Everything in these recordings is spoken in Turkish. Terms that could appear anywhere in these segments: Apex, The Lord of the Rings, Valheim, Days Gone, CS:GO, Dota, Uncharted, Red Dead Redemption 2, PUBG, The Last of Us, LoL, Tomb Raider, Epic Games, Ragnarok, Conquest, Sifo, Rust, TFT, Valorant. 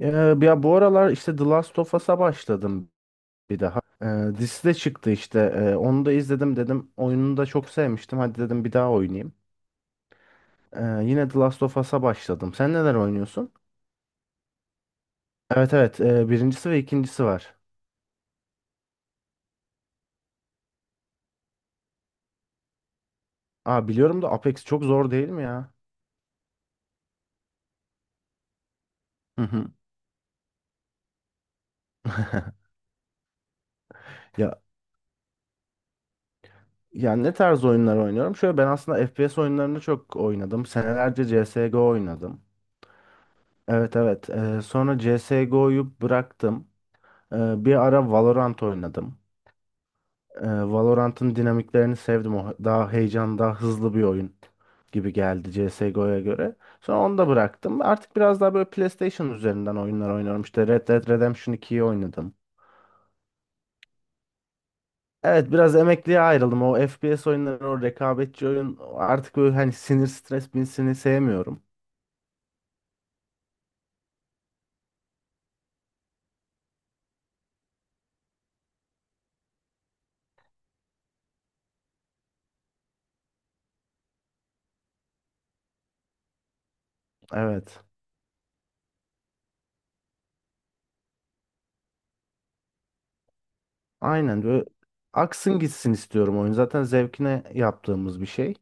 Ya bu aralar işte The Last of Us'a başladım bir daha. Dizisi de çıktı işte. Onu da izledim dedim. Oyununu da çok sevmiştim. Hadi dedim bir daha oynayayım. Yine The Last of Us'a başladım. Sen neler oynuyorsun? Evet evet. Birincisi ve ikincisi var. Aa biliyorum da Apex çok zor değil mi ya? Hı hı. Ya yani ne tarz oyunlar oynuyorum? Şöyle ben aslında FPS oyunlarını çok oynadım. Senelerce CS:GO oynadım. Evet evet. Sonra CS:GO'yu bıraktım. Bir ara Valorant oynadım. Valorant'ın dinamiklerini sevdim. O daha heyecan, daha hızlı bir oyun gibi geldi CS:GO'ya göre. Sonra onu da bıraktım. Artık biraz daha böyle PlayStation üzerinden oyunlar oynuyorum. İşte Red Dead Redemption 2'yi oynadım. Evet biraz emekliye ayrıldım. O FPS oyunları, o rekabetçi oyun artık böyle hani sinir stres binsini sevmiyorum. Evet. Aynen böyle aksın gitsin istiyorum oyun. Zaten zevkine yaptığımız bir şey.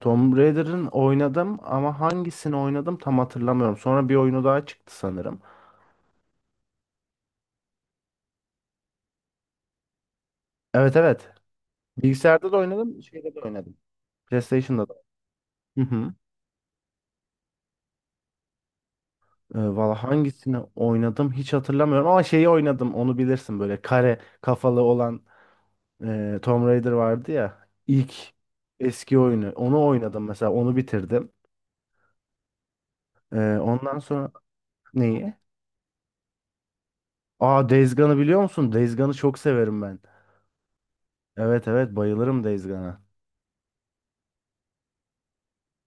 Tomb Raider'ın oynadım ama hangisini oynadım tam hatırlamıyorum. Sonra bir oyunu daha çıktı sanırım. Evet evet. Bilgisayarda da oynadım, şeyde de oynadım. PlayStation'da da. Hı hı. Valla hangisini oynadım hiç hatırlamıyorum ama şeyi oynadım onu bilirsin böyle kare kafalı olan Tomb Raider vardı ya ilk eski oyunu onu oynadım mesela onu bitirdim. Ondan sonra neyi? Aa Days Gone'ı biliyor musun? Days Gone'ı çok severim ben. Evet evet bayılırım Days Gone'a.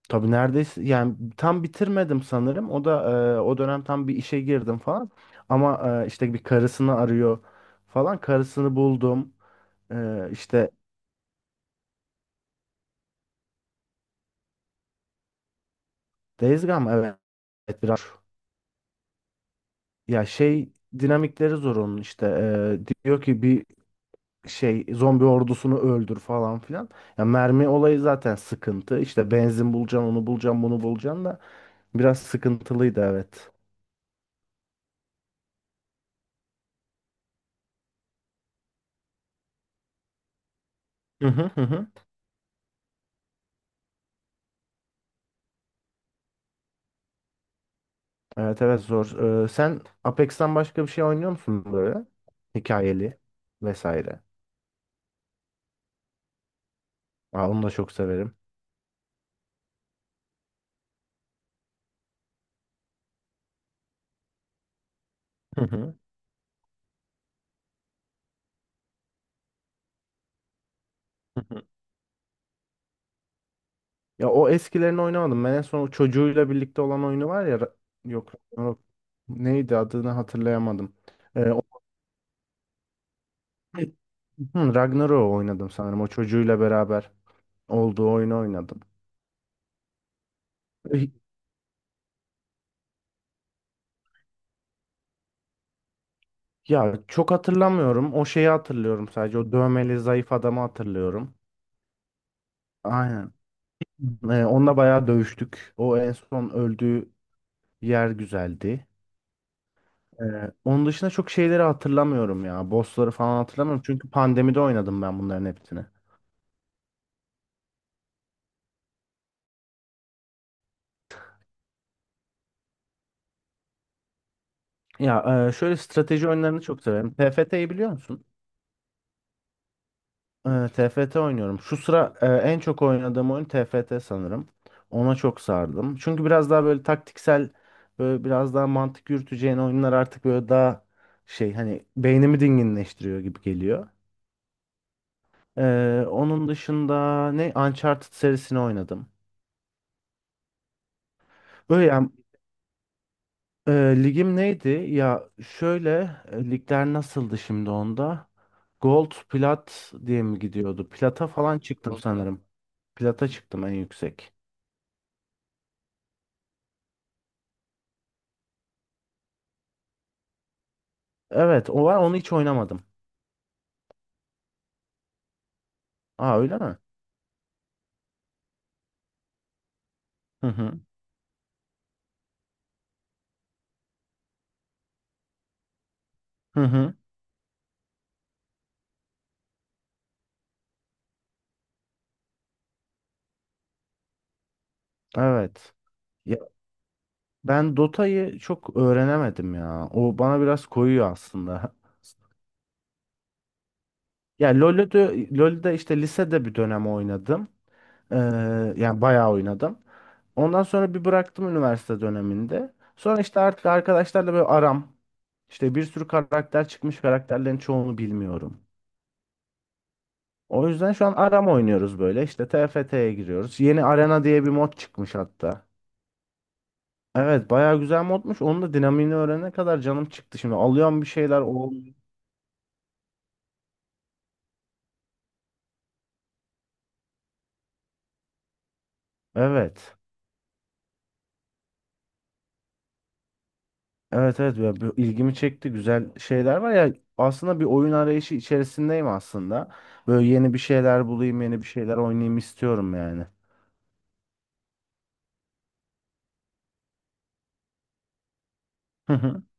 Tabii neredeyse yani tam bitirmedim sanırım. O da o dönem tam bir işe girdim falan. Ama işte bir karısını arıyor falan. Karısını buldum. E, işte Days Gone evet. Evet, biraz ya şey dinamikleri zor onun işte. Diyor ki bir şey zombi ordusunu öldür falan filan. Ya mermi olayı zaten sıkıntı. İşte benzin bulacaksın, onu bulacaksın, bunu bulacaksın da biraz sıkıntılıydı evet. Hı hı hı hı. Evet evet zor. Sen Apex'ten başka bir şey oynuyor musun böyle? Hikayeli vesaire. Aa, onu da çok severim. Hı hı. Hı hı. Ya o eskilerini oynamadım. Ben en son o çocuğuyla birlikte olan oyunu var ya. Yok, yok. Neydi adını hatırlayamadım. Ee, o- Hı, Ragnarok'u oynadım sanırım. O çocuğuyla beraber olduğu oyunu oynadım. Eh, ya çok hatırlamıyorum. O şeyi hatırlıyorum sadece. O dövmeli zayıf adamı hatırlıyorum. Aynen. Onunla bayağı dövüştük. O en son öldüğü yer güzeldi. Ee, Onun dışında çok şeyleri hatırlamıyorum ya. Bossları falan hatırlamıyorum. Çünkü pandemide oynadım ben bunların hepsini. Şöyle strateji oyunlarını çok severim. TFT'yi biliyor musun? TFT oynuyorum. Şu sıra en çok oynadığım oyun TFT sanırım. Ona çok sardım. Çünkü biraz daha böyle taktiksel, böyle biraz daha mantık yürüteceğin oyunlar artık böyle daha şey hani beynimi dinginleştiriyor gibi geliyor. Onun dışında ne Uncharted serisini oynadım. Öyle yani, e, ligim neydi? Ya şöyle, ligler nasıldı şimdi onda? Gold, plat diye mi gidiyordu? Plata falan çıktım Gold Plat sanırım. Plata çıktım en yüksek. Evet, o var. Onu hiç oynamadım. Aa öyle mi? Hı hı. Hı hı. Evet. Ya ben Dota'yı çok öğrenemedim ya. O bana biraz koyuyor aslında. Ya LoL'ü de, LoL'de işte lisede bir dönem oynadım. Ee, Yani bayağı oynadım. Ondan sonra bir bıraktım üniversite döneminde. Sonra işte artık arkadaşlarla böyle aram. İşte bir sürü karakter çıkmış karakterlerin çoğunu bilmiyorum. O yüzden şu an aram oynuyoruz böyle. İşte TFT'ye giriyoruz. Yeni arena diye bir mod çıkmış hatta. Evet bayağı güzel modmuş. Onun da dinamiğini öğrenene kadar canım çıktı şimdi. Alıyorum bir şeyler olmuyor. Evet. Evet evet ya bu ilgimi çekti. Güzel şeyler var ya. Aslında bir oyun arayışı içerisindeyim aslında. Böyle yeni bir şeyler bulayım, yeni bir şeyler oynayayım istiyorum yani.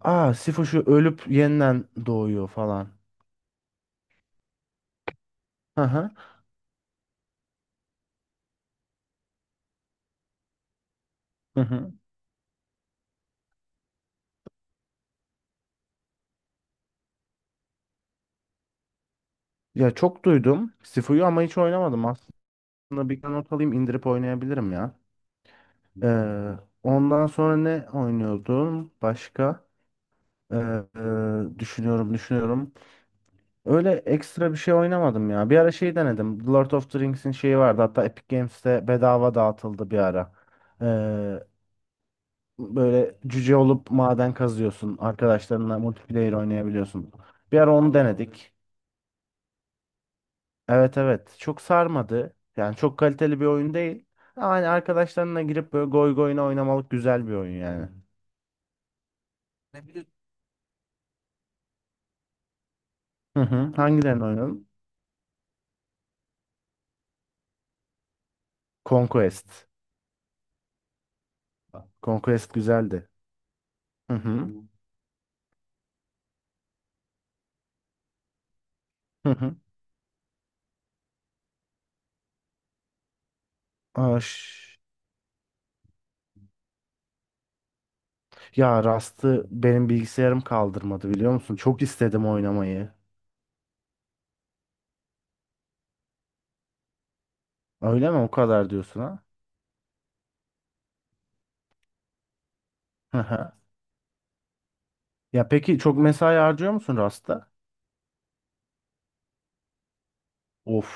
Aa, Sifo şu ölüp yeniden doğuyor falan. Hı hı. Hı hı. Ya çok duydum Sifo'yu ama hiç oynamadım. Aslında bir not alayım indirip oynayabilirim ya. Ee, Ondan sonra ne oynuyordum? Başka? Ee, Düşünüyorum düşünüyorum. Öyle ekstra bir şey oynamadım ya. Bir ara şey denedim. The Lord of the Rings'in şeyi vardı. Hatta Epic Games'te bedava dağıtıldı bir ara. Ee, Böyle cüce olup maden kazıyorsun. Arkadaşlarınla multiplayer oynayabiliyorsun. Bir ara onu denedik. Evet evet çok sarmadı. Yani çok kaliteli bir oyun değil. Ama hani arkadaşlarına girip böyle goy goyuna oynamalık güzel bir oyun yani. Hı hı. Hangilerini oynadın? Conquest. Conquest güzeldi. Hı hı. Hı hı. Aş. Ya Rust'ı benim bilgisayarım kaldırmadı biliyor musun? Çok istedim oynamayı. Öyle mi? O kadar diyorsun ha? Hı hı. Ya peki çok mesai harcıyor musun Rust'ta? Of.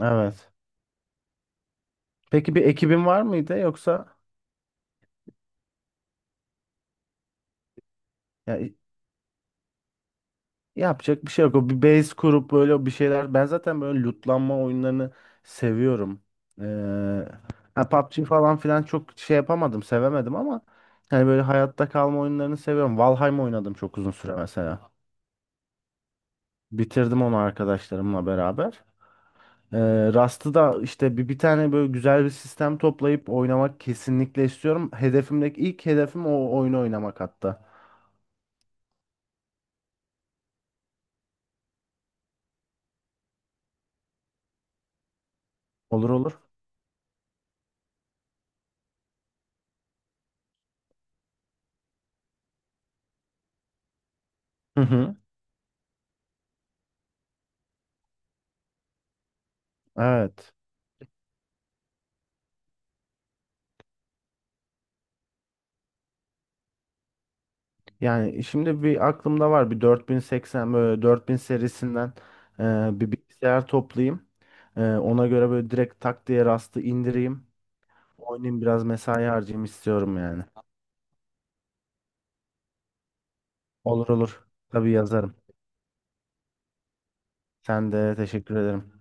Evet. Peki bir ekibin var mıydı yoksa? Ya yapacak bir şey yok. O bir base kurup böyle bir şeyler. Ben zaten böyle lootlanma oyunlarını seviyorum. Ee, ha, PUBG falan filan çok şey yapamadım, sevemedim ama hani böyle hayatta kalma oyunlarını seviyorum. Valheim oynadım çok uzun süre mesela. Bitirdim onu arkadaşlarımla beraber. Ee, Rust'ı da işte bir tane böyle güzel bir sistem toplayıp oynamak kesinlikle istiyorum. Hedefimdeki ilk hedefim o oyunu oynamak hatta. Olur olur. Hı hı. Evet. Yani şimdi bir aklımda var bir 4080 böyle 4000 serisinden bir bilgisayar toplayayım. Ona göre böyle direkt tak diye rastı indireyim. Oynayayım biraz mesai harcayayım istiyorum yani. Olur olur. Tabii yazarım. Sen de teşekkür ederim.